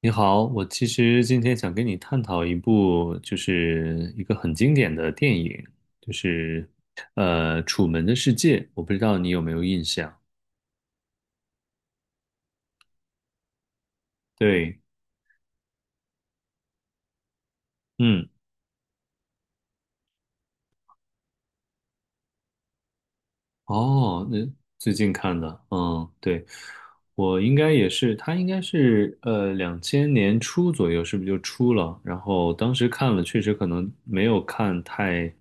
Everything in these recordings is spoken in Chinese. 你好，我其实今天想跟你探讨一部，就是一个很经典的电影，就是《楚门的世界》，我不知道你有没有印象？对，嗯。哦，那最近看的，嗯，对，我应该也是，他应该是2000年初左右，是不是就出了？然后当时看了，确实可能没有看太，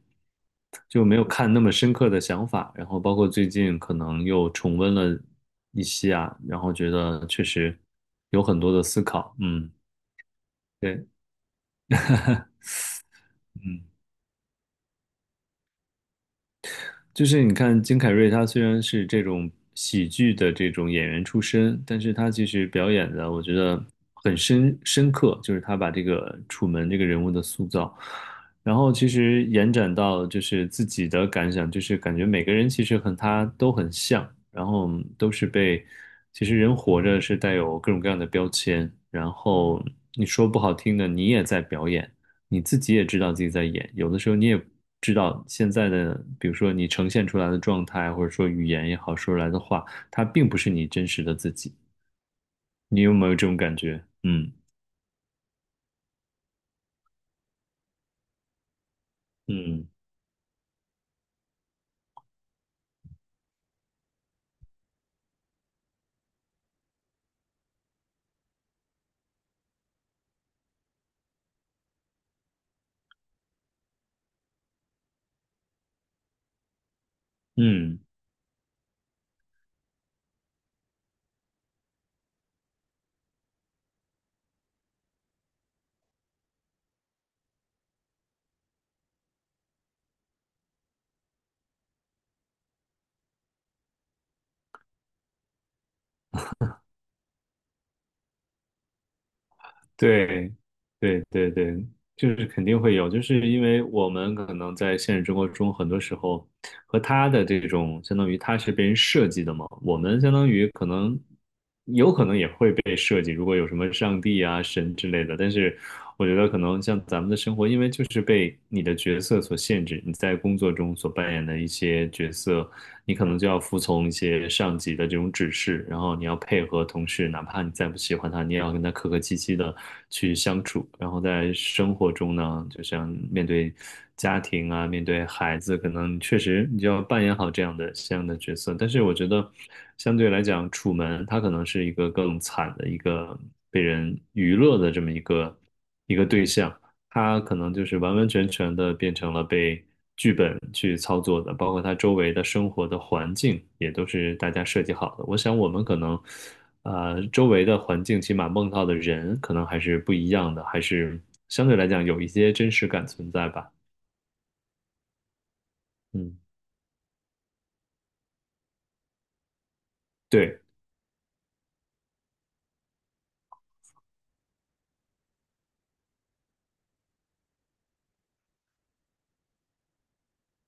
就没有看那么深刻的想法。然后包括最近可能又重温了一些啊，然后觉得确实有很多的思考。嗯，对，嗯。就是你看金凯瑞，他虽然是这种喜剧的这种演员出身，但是他其实表演的我觉得很深刻，就是他把这个楚门这个人物的塑造，然后其实延展到就是自己的感想，就是感觉每个人其实和他都很像，然后都是被，其实人活着是带有各种各样的标签，然后你说不好听的，你也在表演。你自己也知道自己在演，有的时候你也知道现在的，比如说你呈现出来的状态，或者说语言也好，说出来的话，它并不是你真实的自己。你有没有这种感觉？嗯嗯嗯。对，对对对，就是肯定会有，就是因为我们可能在现实生活中，很多时候和他的这种，相当于他是被人设计的嘛，我们相当于可能有可能也会被设计，如果有什么上帝啊、神之类的，但是我觉得可能像咱们的生活，因为就是被你的角色所限制，你在工作中所扮演的一些角色。你可能就要服从一些上级的这种指示，然后你要配合同事，哪怕你再不喜欢他，你也要跟他客客气气的去相处。然后在生活中呢，就像面对家庭啊，面对孩子，可能确实你就要扮演好这样的角色。但是我觉得，相对来讲，楚门他可能是一个更惨的一个被人娱乐的这么一个对象。它可能就是完完全全的变成了被剧本去操作的，包括它周围的生活的环境也都是大家设计好的。我想我们可能，周围的环境起码梦到的人可能还是不一样的，还是相对来讲有一些真实感存在吧。嗯，对，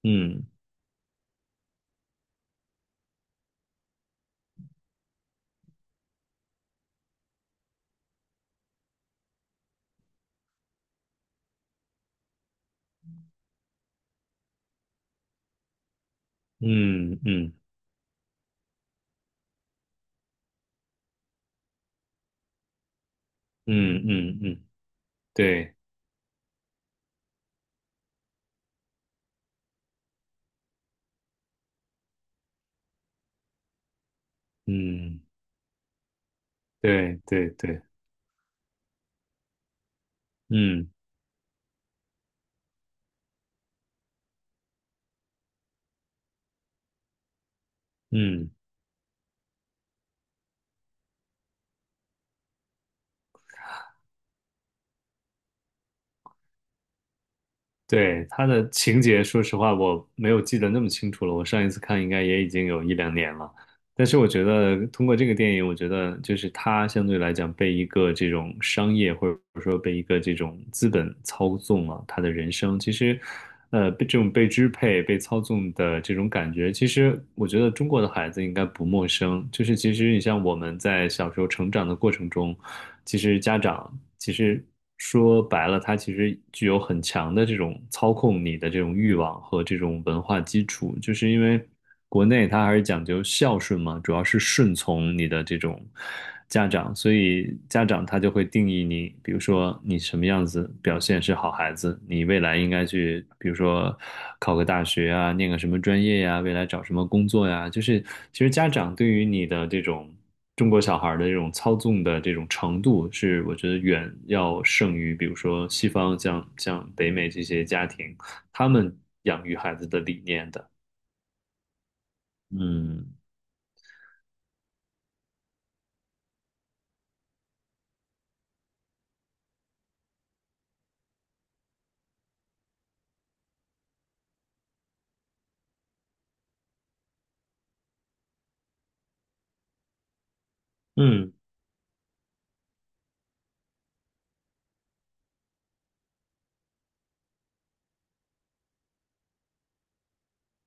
嗯嗯嗯嗯嗯嗯，对，嗯对对对，嗯嗯。对，他的情节，说实话，我没有记得那么清楚了。我上一次看应该也已经有一两年了。但是我觉得通过这个电影，我觉得就是他相对来讲被一个这种商业或者说被一个这种资本操纵了他的人生。其实，被这种被支配、被操纵的这种感觉，其实我觉得中国的孩子应该不陌生。就是其实你像我们在小时候成长的过程中。其实家长其实说白了，他其实具有很强的这种操控你的这种欲望和这种文化基础，就是因为国内它还是讲究孝顺嘛，主要是顺从你的这种家长，所以家长他就会定义你，比如说你什么样子表现是好孩子，你未来应该去，比如说考个大学啊，念个什么专业呀，未来找什么工作呀，就是其实家长对于你的这种。中国小孩的这种操纵的这种程度，是我觉得远要胜于，比如说西方像北美这些家庭，他们养育孩子的理念的。嗯嗯，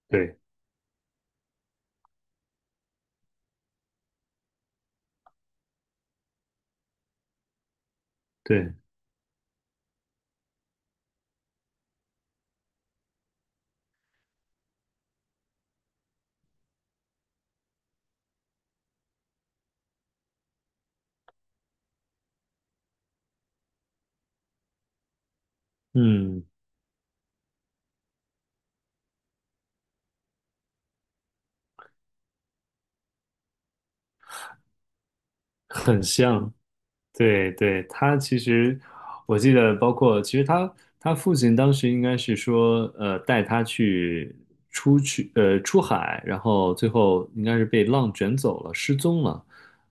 对对，嗯，很像。对对，他其实我记得，包括其实他父亲当时应该是说，带他去出去出海，然后最后应该是被浪卷走了，失踪了。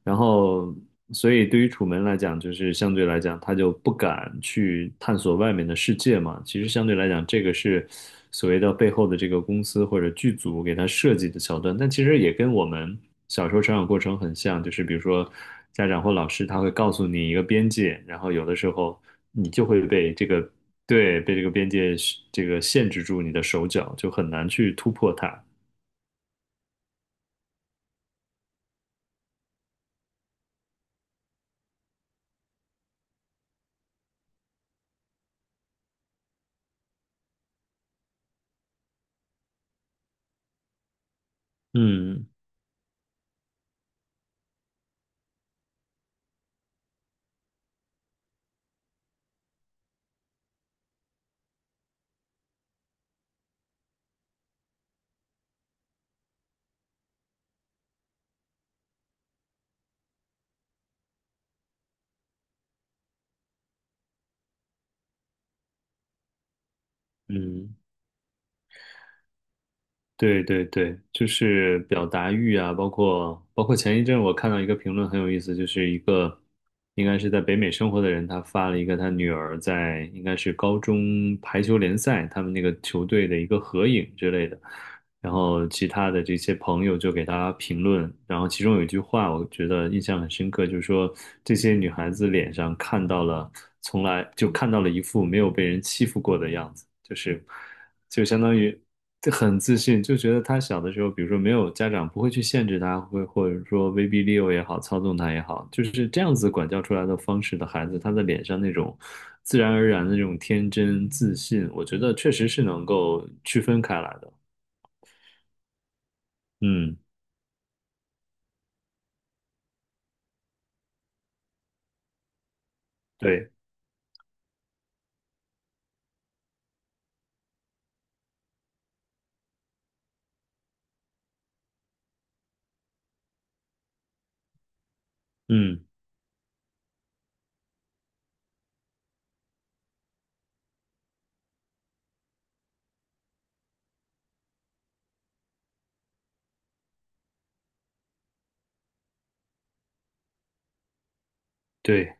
然后，所以对于楚门来讲，就是相对来讲，他就不敢去探索外面的世界嘛。其实相对来讲，这个是所谓的背后的这个公司或者剧组给他设计的桥段，但其实也跟我们小时候成长过程很像，就是比如说家长或老师他会告诉你一个边界，然后有的时候你就会被这个，对，被这个边界这个限制住你的手脚，就很难去突破它。嗯嗯。对对对，就是表达欲啊，包括前一阵我看到一个评论很有意思，就是一个应该是在北美生活的人，他发了一个他女儿在应该是高中排球联赛他们那个球队的一个合影之类的，然后其他的这些朋友就给他评论，然后其中有一句话我觉得印象很深刻，就是说这些女孩子脸上看到了从来就看到了一副没有被人欺负过的样子，就是。就相当于就很自信，就觉得他小的时候，比如说没有家长不会去限制他，会或者说威逼利诱也好，操纵他也好，就是这样子管教出来的方式的孩子，他的脸上那种自然而然的那种天真自信，我觉得确实是能够区分开来的。嗯，对，嗯，对。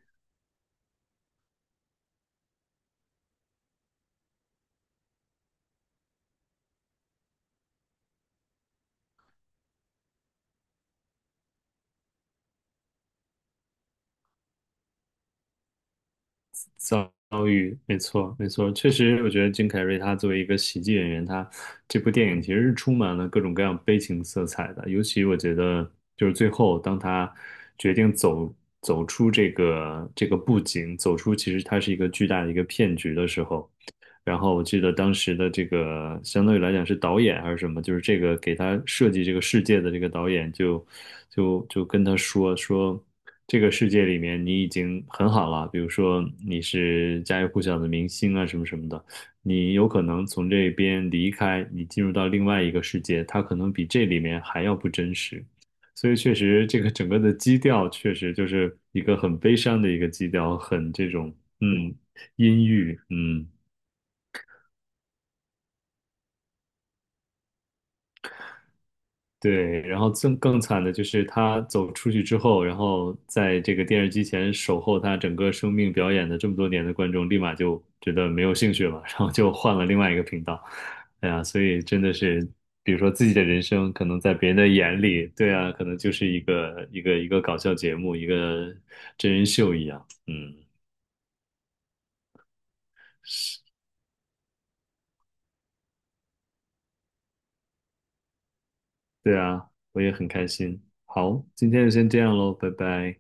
遭遇，没错，没错，确实，我觉得金凯瑞他作为一个喜剧演员，他这部电影其实是充满了各种各样悲情色彩的。尤其我觉得，就是最后当他决定走出这个布景，走出其实它是一个巨大的一个骗局的时候，然后我记得当时的这个相当于来讲是导演还是什么，就是这个给他设计这个世界的这个导演就跟他说说这个世界里面你已经很好了，比如说你是家喻户晓的明星啊什么什么的，你有可能从这边离开，你进入到另外一个世界，它可能比这里面还要不真实。所以确实，这个整个的基调确实就是一个很悲伤的一个基调，很这种嗯阴郁，嗯。对，然后更惨的就是他走出去之后，然后在这个电视机前守候他整个生命表演的这么多年的观众，立马就觉得没有兴趣了，然后就换了另外一个频道。哎呀，所以真的是，比如说自己的人生，可能在别人的眼里，对啊，可能就是一个搞笑节目，一个真人秀一样。嗯，对啊，我也很开心。好，今天就先这样喽，拜拜。